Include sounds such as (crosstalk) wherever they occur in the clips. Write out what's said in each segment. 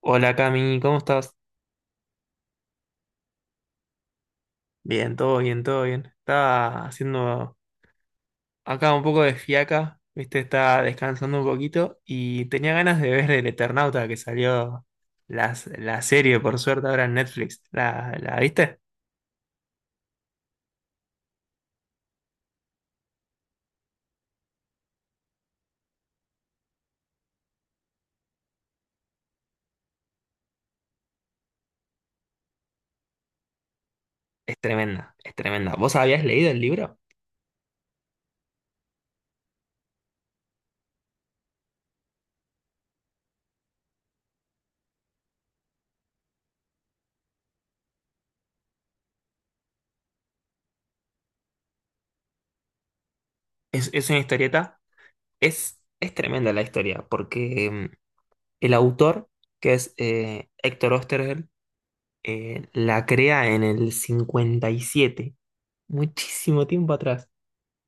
Hola Cami, ¿cómo estás? Bien, todo bien, todo bien. Estaba haciendo acá un poco de fiaca, viste, estaba descansando un poquito y tenía ganas de ver El Eternauta que salió la serie, por suerte, ahora en Netflix. ¿La viste? Es tremenda, es tremenda. ¿Vos habías leído el libro? Es una historieta. Es tremenda la historia porque el autor, que es Héctor Oesterhel, la crea en el 57, muchísimo tiempo atrás.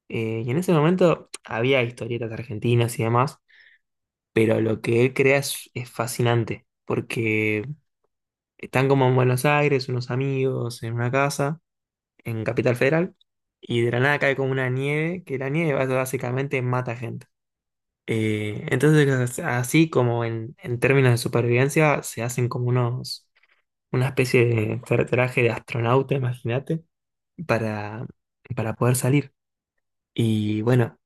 Y en ese momento había historietas argentinas y demás, pero lo que él crea es fascinante, porque están como en Buenos Aires, unos amigos, en una casa, en Capital Federal, y de la nada cae como una nieve, que la nieve básicamente mata gente. Entonces, así como en términos de supervivencia, se hacen como una especie de traje de astronauta, imagínate, para, para poder salir. Y bueno,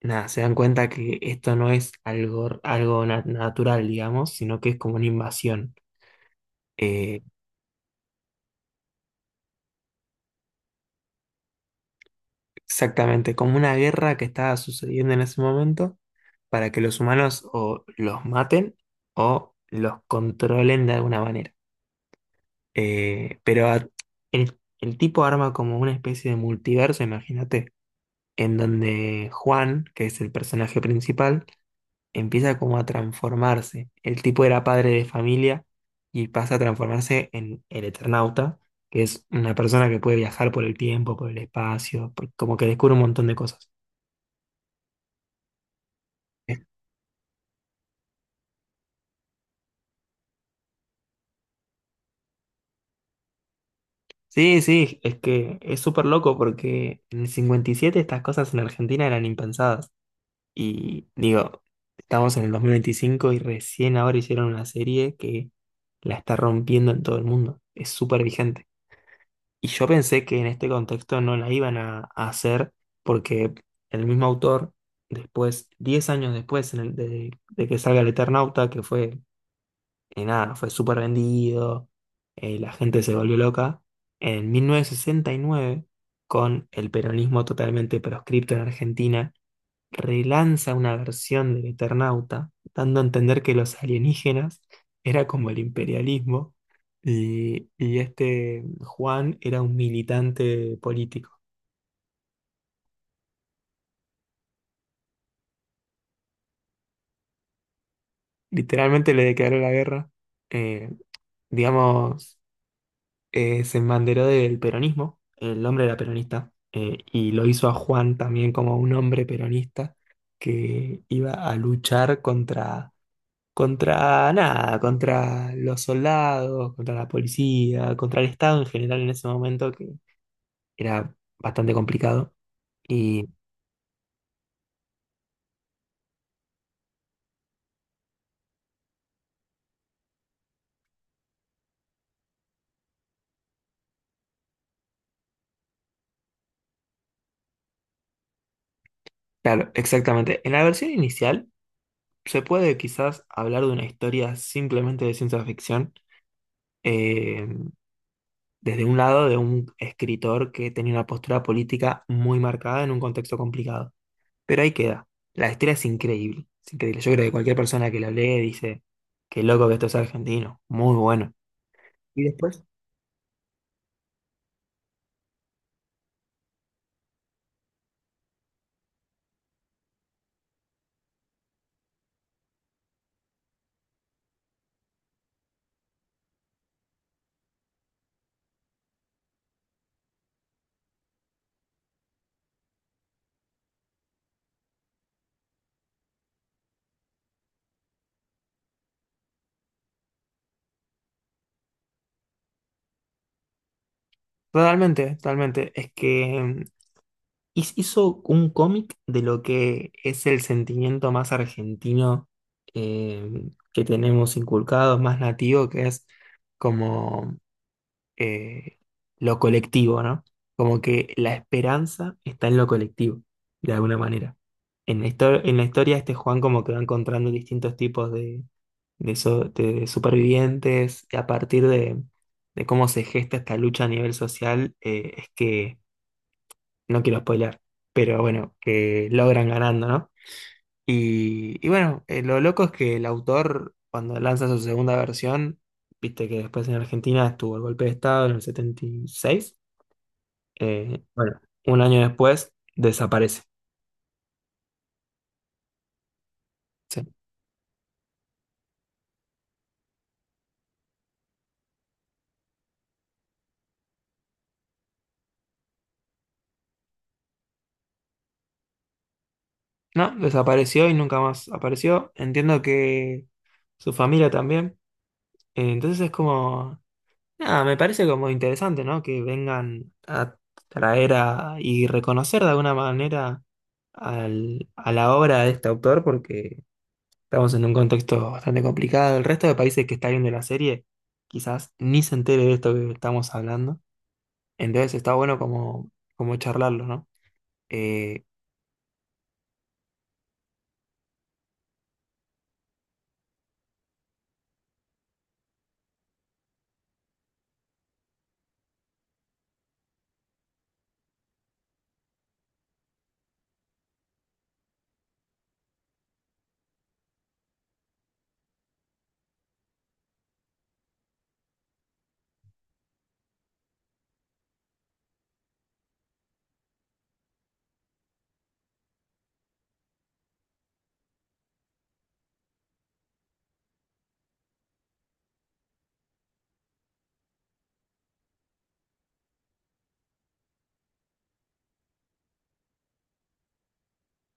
nada, se dan cuenta que esto no es algo natural, digamos, sino que es como una invasión. Eh, exactamente, como una guerra que estaba sucediendo en ese momento para que los humanos o los maten o los controlen de alguna manera. Pero el tipo arma como una especie de multiverso, imagínate, en donde Juan, que es el personaje principal, empieza como a transformarse. El tipo era padre de familia y pasa a transformarse en el Eternauta, que es una persona que puede viajar por el tiempo, por el espacio, como que descubre un montón de cosas. Sí, sí, es que es súper loco porque en el 57 estas cosas en Argentina eran impensadas. Y digo, estamos en el 2025 y recién ahora hicieron una serie que la está rompiendo en todo el mundo. Es súper vigente. Y yo pensé que en este contexto no la iban a hacer porque el mismo autor, después, 10 años después de que salga El Eternauta, que fue, nada, fue súper vendido, la gente se volvió loca, en 1969, con el peronismo totalmente proscripto en Argentina, relanza una versión del Eternauta, dando a entender que los alienígenas era como el imperialismo y este Juan era un militante político. Literalmente le declaró la guerra, eh, digamos, se embanderó del peronismo, el hombre era peronista, y lo hizo a Juan también como un hombre peronista que iba a luchar contra nada, contra los soldados, contra la policía, contra el Estado en general en ese momento, que era bastante complicado. Y claro, exactamente. En la versión inicial se puede quizás hablar de una historia simplemente de ciencia ficción, eh, desde un lado de un escritor que tenía una postura política muy marcada en un contexto complicado. Pero ahí queda. La historia es increíble, es increíble. Yo creo que cualquier persona que la lee dice, qué loco que esto es argentino, muy bueno. Y después. Totalmente, totalmente. Es que hizo un cómic de lo que es el sentimiento más argentino, que tenemos inculcado, más nativo, que es como, eh, lo colectivo, ¿no? Como que la esperanza está en lo colectivo, de alguna manera. En la historia este Juan como que va encontrando distintos tipos de supervivientes y a partir de cómo se gesta esta lucha a nivel social, es que no quiero spoilear, pero bueno, que logran ganando, ¿no? Y bueno, lo loco es que el autor, cuando lanza su segunda versión, viste que después en Argentina estuvo el golpe de Estado en el 76, bueno, un año después desaparece. Sí. No, desapareció y nunca más apareció. Entiendo que su familia también. Entonces es como, nada, me parece como interesante, ¿no? Que vengan a traer y reconocer de alguna manera a la obra de este autor, porque estamos en un contexto bastante complicado. El resto de países que está viendo la serie quizás ni se entere de esto que estamos hablando. Entonces está bueno como charlarlo, ¿no? Eh,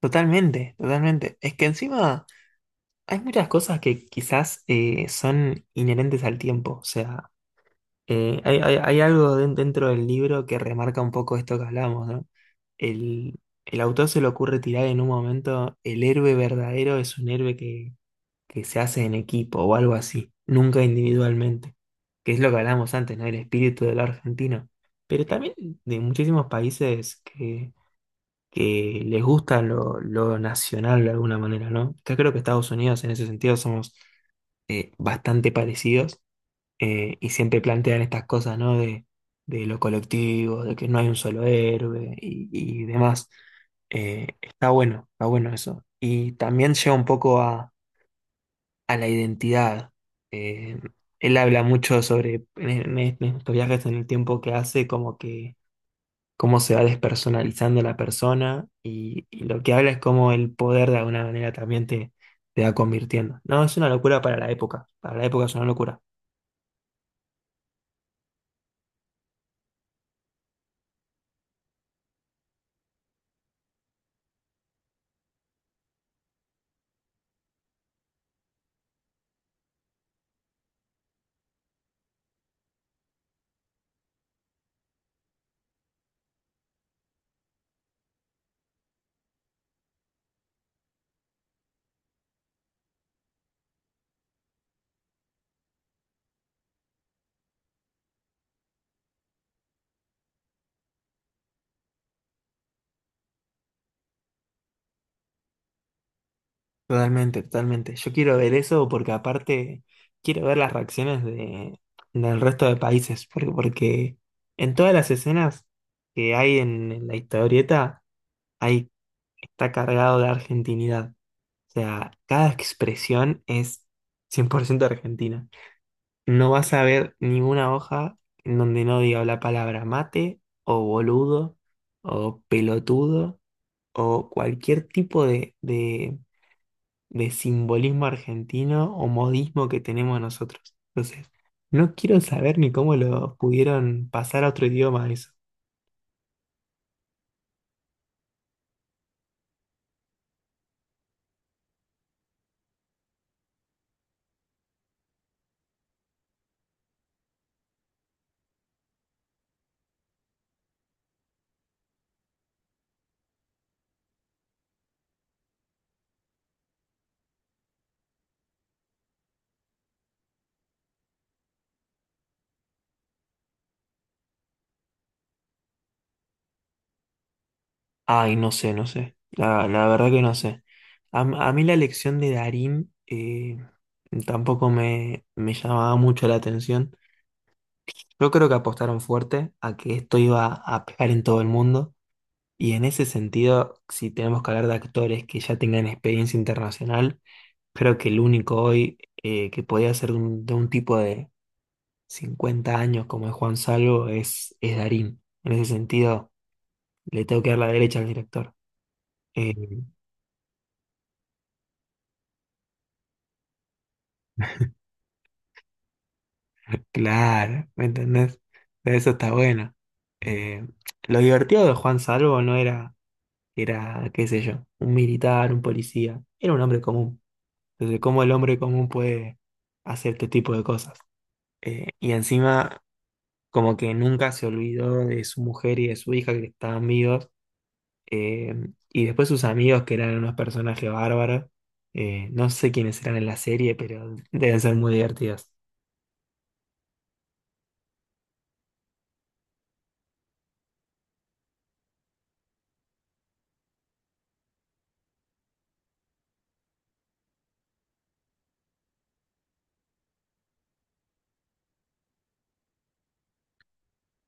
totalmente, totalmente. Es que encima hay muchas cosas que quizás son inherentes al tiempo. O sea, hay algo dentro del libro que remarca un poco esto que hablamos, ¿no? El autor se le ocurre tirar en un momento, el héroe verdadero es un héroe que se hace en equipo o algo así, nunca individualmente, que es lo que hablamos antes, ¿no? El espíritu del argentino, pero también de muchísimos países que les gusta lo nacional de alguna manera, ¿no? Acá creo que Estados Unidos en ese sentido somos bastante parecidos, y siempre plantean estas cosas, ¿no? De lo colectivo, de que no hay un solo héroe y demás. Está bueno, está bueno eso. Y también lleva un poco a la identidad. Eh, él habla mucho sobre, en, e, en- e, en estos viajes en el tiempo que hace, como que cómo se va despersonalizando la persona y lo que habla es cómo el poder de alguna manera también te va convirtiendo. No, es una locura para la época. Para la época es una locura. Totalmente, totalmente. Yo quiero ver eso porque aparte quiero ver las reacciones del resto de países, porque en todas las escenas que hay en la historieta hay, está cargado de argentinidad. O sea, cada expresión es 100% argentina. No vas a ver ninguna hoja en donde no diga la palabra mate o boludo o pelotudo o cualquier tipo de simbolismo argentino o modismo que tenemos nosotros. Entonces, no quiero saber ni cómo lo pudieron pasar a otro idioma eso. Ay, no sé, no sé. La verdad que no sé. A mí la lección de Darín, tampoco me llamaba mucho la atención. Yo creo que apostaron fuerte a que esto iba a pegar en todo el mundo. Y en ese sentido, si tenemos que hablar de actores que ya tengan experiencia internacional, creo que el único hoy, que podía ser de un tipo de 50 años como es Juan Salvo es Darín. En ese sentido, le tengo que dar la derecha al director. Eh, claro, ¿me entendés? De eso está bueno. Eh, lo divertido de Juan Salvo no era, era, qué sé yo, un militar, un policía, era un hombre común. Entonces, ¿cómo el hombre común puede hacer este tipo de cosas? Y encima, como que nunca se olvidó de su mujer y de su hija que estaban vivos. eh, y después sus amigos, que eran unos personajes bárbaros. No sé quiénes eran en la serie, pero deben ser muy divertidos.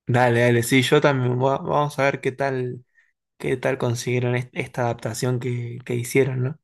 Dale, dale, sí, yo también. Vamos a ver qué tal consiguieron esta adaptación que hicieron, ¿no?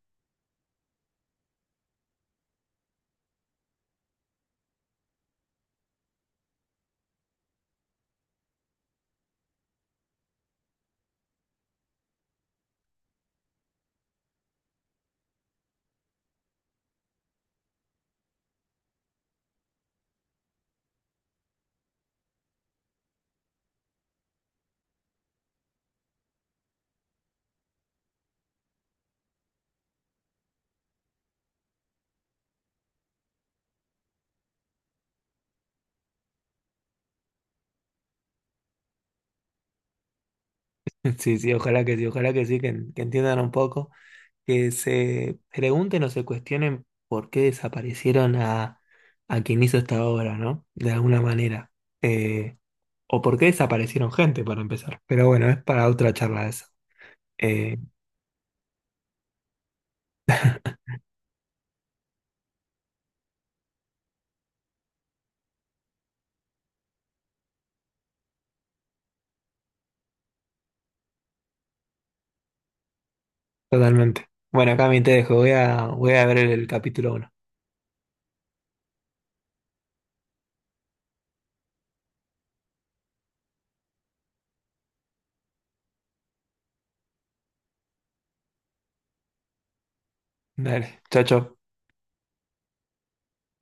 (laughs) Sí, sí, ojalá que sí, ojalá que sí, que entiendan un poco. Que se pregunten o se cuestionen por qué desaparecieron a quien hizo esta obra, ¿no? De alguna manera. Eh, o por qué desaparecieron gente, para empezar. Pero bueno, es para otra charla eso. Eh, totalmente. Bueno, Cami, te dejo. Voy a ver el capítulo uno. Dale, chao, chao.